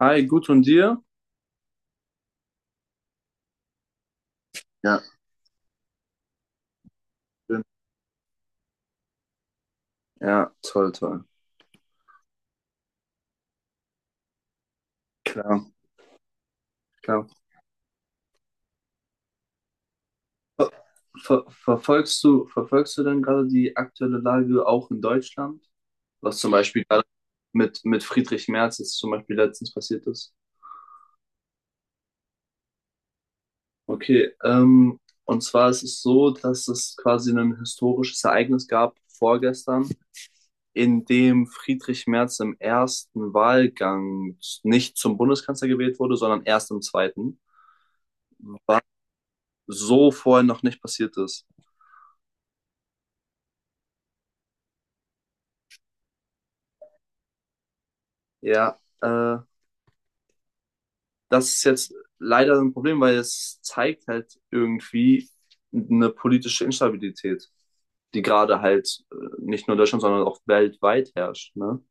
Hi, gut und dir? Ja, schön. Ja, toll, toll. Klar, klar. Ver verfolgst du denn gerade die aktuelle Lage auch in Deutschland? Was zum Beispiel gerade mit Friedrich Merz jetzt zum Beispiel letztens passiert ist? Okay, und zwar ist es so, dass es quasi ein historisches Ereignis gab vorgestern, in dem Friedrich Merz im ersten Wahlgang nicht zum Bundeskanzler gewählt wurde, sondern erst im zweiten. So vorher noch nicht passiert ist. Ja, das ist jetzt leider ein Problem, weil es zeigt halt irgendwie eine politische Instabilität, die gerade halt nicht nur in Deutschland, sondern auch weltweit herrscht. Ne?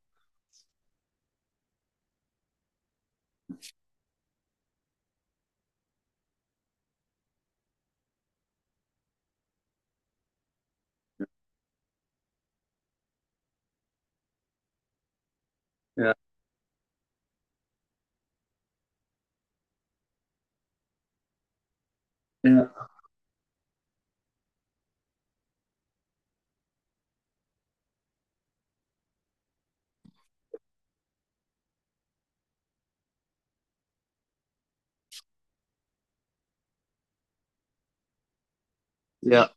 Ja, ja, ja,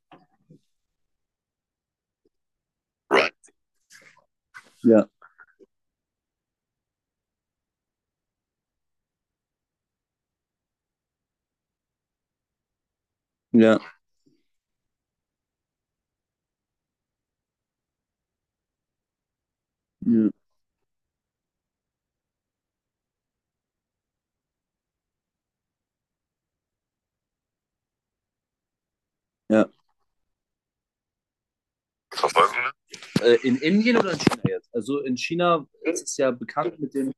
ja, ja, ja. Ja. In Indien oder in China jetzt? Also in China ist es ja bekannt mit dem,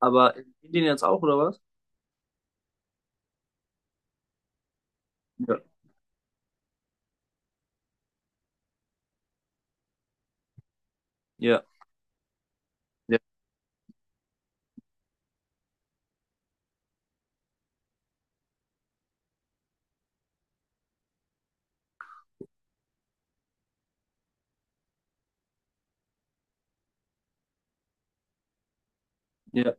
aber in Indien jetzt auch, oder was? Ja. Ja, ja, ja,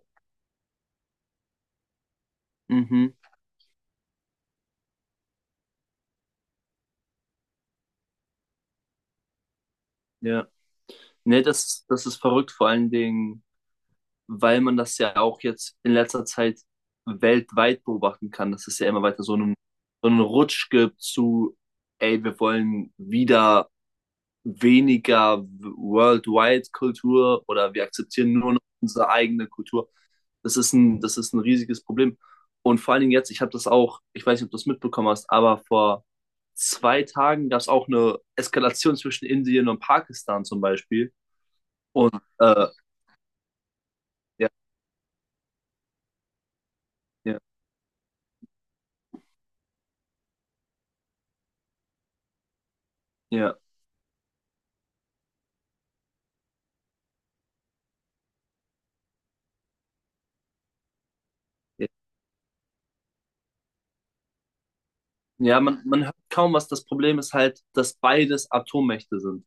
mhm, ja. Ne, das, das ist verrückt, vor allen Dingen weil man das ja auch jetzt in letzter Zeit weltweit beobachten kann, dass es ja immer weiter so einen Rutsch gibt zu, ey, wir wollen wieder weniger worldwide Kultur oder wir akzeptieren nur noch unsere eigene Kultur. Das ist ein riesiges Problem. Und vor allen Dingen jetzt, ich habe das auch, ich weiß nicht, ob du das mitbekommen hast, aber vor 2 Tagen gab es auch eine Eskalation zwischen Indien und Pakistan zum Beispiel. Und äh, ja, ja, ja, ja. Ja, man hört kaum was. Das Problem ist halt, dass beides Atommächte sind.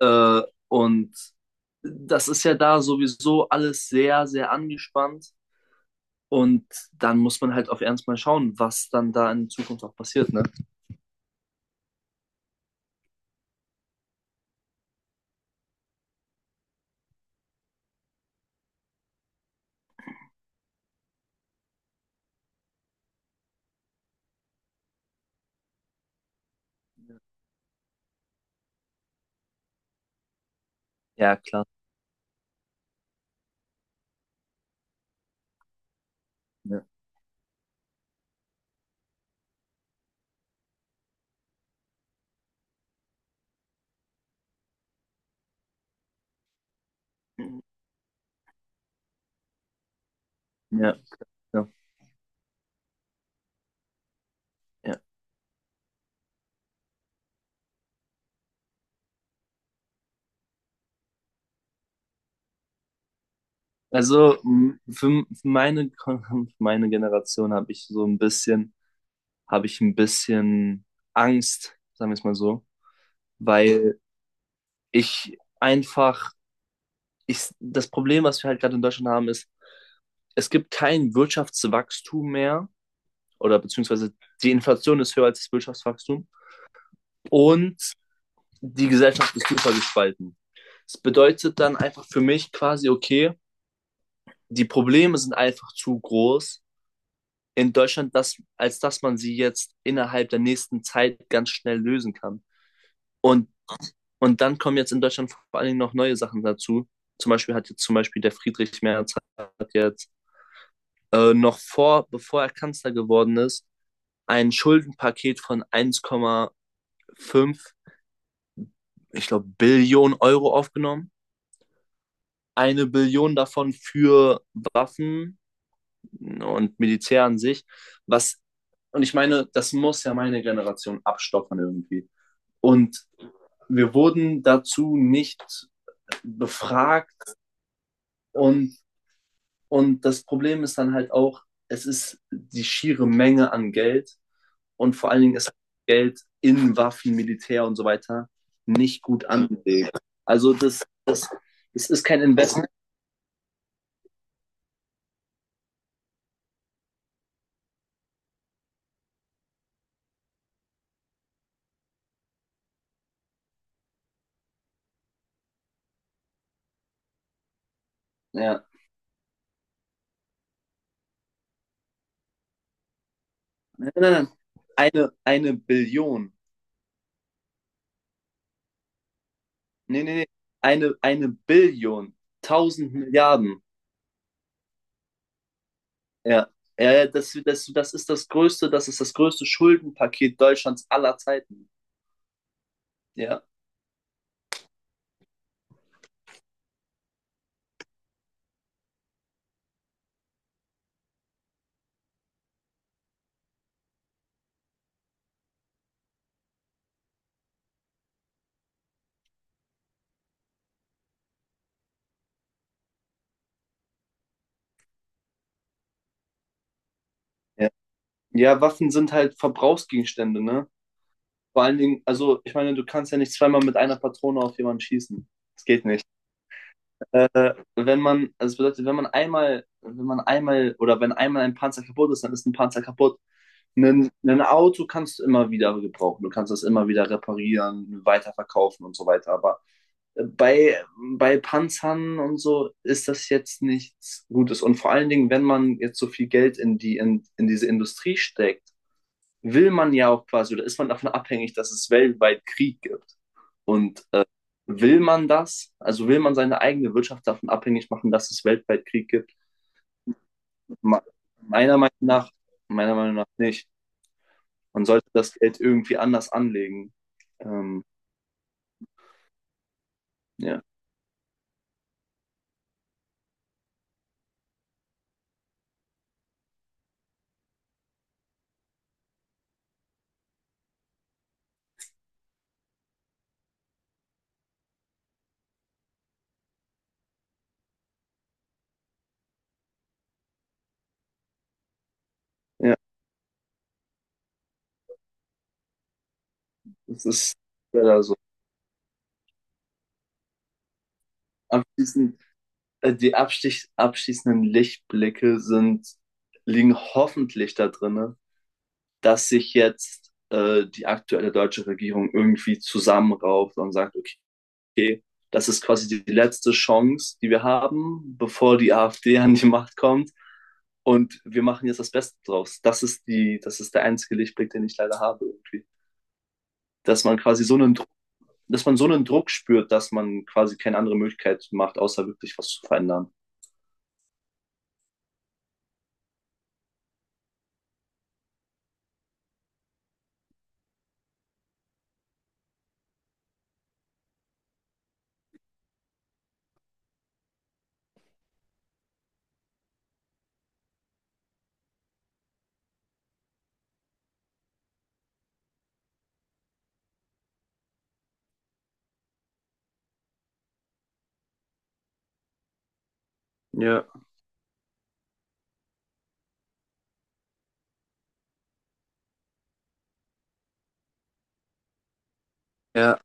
Äh, und das ist ja da sowieso alles sehr, sehr angespannt. Und dann muss man halt auf Ernst mal schauen, was dann da in Zukunft auch passiert, ne? Ja, klar. Ja, ja, ja. Ja. Also für meine Generation habe ich ein bisschen Angst, sagen wir es mal so, weil ich einfach das Problem, was wir halt gerade in Deutschland haben, ist, es gibt kein Wirtschaftswachstum mehr, oder beziehungsweise die Inflation ist höher als das Wirtschaftswachstum, und die Gesellschaft ist super gespalten. Das bedeutet dann einfach für mich quasi, okay, die Probleme sind einfach zu groß in Deutschland, dass, als dass man sie jetzt innerhalb der nächsten Zeit ganz schnell lösen kann. Und, und dann kommen jetzt in Deutschland vor allen Dingen noch neue Sachen dazu. Zum Beispiel hat jetzt zum Beispiel der Friedrich Merz hat jetzt noch vor, bevor er Kanzler geworden ist, ein Schuldenpaket von 1,5, ich glaube, Billionen Euro aufgenommen. 1 Billion davon für Waffen und Militär an sich. Was, und ich meine, das muss ja meine Generation abstottern irgendwie. Und wir wurden dazu nicht befragt. Und, und das Problem ist dann halt auch, es ist die schiere Menge an Geld, und vor allen Dingen ist Geld in Waffen, Militär und so weiter nicht gut angelegt. Also das ist kein Investment. Ja. Nein, nein, nein. Eine Billion. Nee, nee, nee. Eine Billion. Tausend Milliarden. Ja. Ja, ja, das ist das größte Schuldenpaket Deutschlands aller Zeiten. Ja. Ja, ja, Waffen sind halt Verbrauchsgegenstände, ne? Vor allen Dingen, also ich meine, du kannst ja nicht zweimal mit einer Patrone auf jemanden schießen. Das geht nicht. Wenn man, also das bedeutet, wenn man einmal oder wenn einmal ein Panzer kaputt ist, dann ist ein Panzer kaputt. Ein Auto kannst du immer wieder gebrauchen. Du kannst das immer wieder reparieren, weiterverkaufen und so weiter. Aber äh, bei, bei Panzern und so ist das jetzt nichts Gutes. Und vor allen Dingen, wenn man jetzt so viel Geld in diese Industrie steckt, will man ja auch quasi, oder ist man davon abhängig, dass es weltweit Krieg gibt. Und will man das? Also will man seine eigene Wirtschaft davon abhängig machen, dass es weltweit Krieg gibt? Ma- Meiner Meinung nach, meiner Meinung nach nicht. Man sollte das Geld irgendwie anders anlegen. Ähm, ja, ja, das ist leider so. Abschließend, die abschließenden Lichtblicke sind, liegen hoffentlich da drinne, dass sich jetzt die aktuelle deutsche Regierung irgendwie zusammenrauft und sagt, okay, okay, das ist quasi die letzte Chance, die wir haben, bevor die AfD an die Macht kommt. Und wir machen jetzt das Beste draus. Das ist der einzige Lichtblick, den ich leider habe irgendwie. Dass man quasi so einen Druck, dass man so einen Druck spürt, dass man quasi keine andere Möglichkeit macht, außer wirklich was zu verändern. Ja, ja,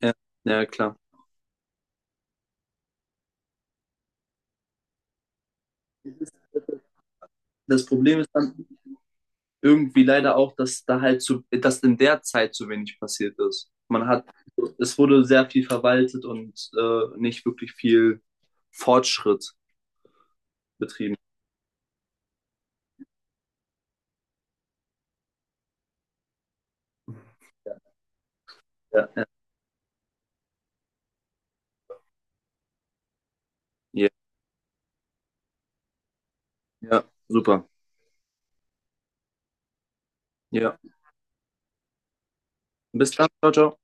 ja, ja, klar. Das Problem ist dann, irgendwie leider auch, dass in der Zeit zu wenig passiert ist. Man hat, es wurde sehr viel verwaltet und nicht wirklich viel Fortschritt betrieben. Ja, ja, ja, ja, super. Ja, bis dann, ciao, ciao.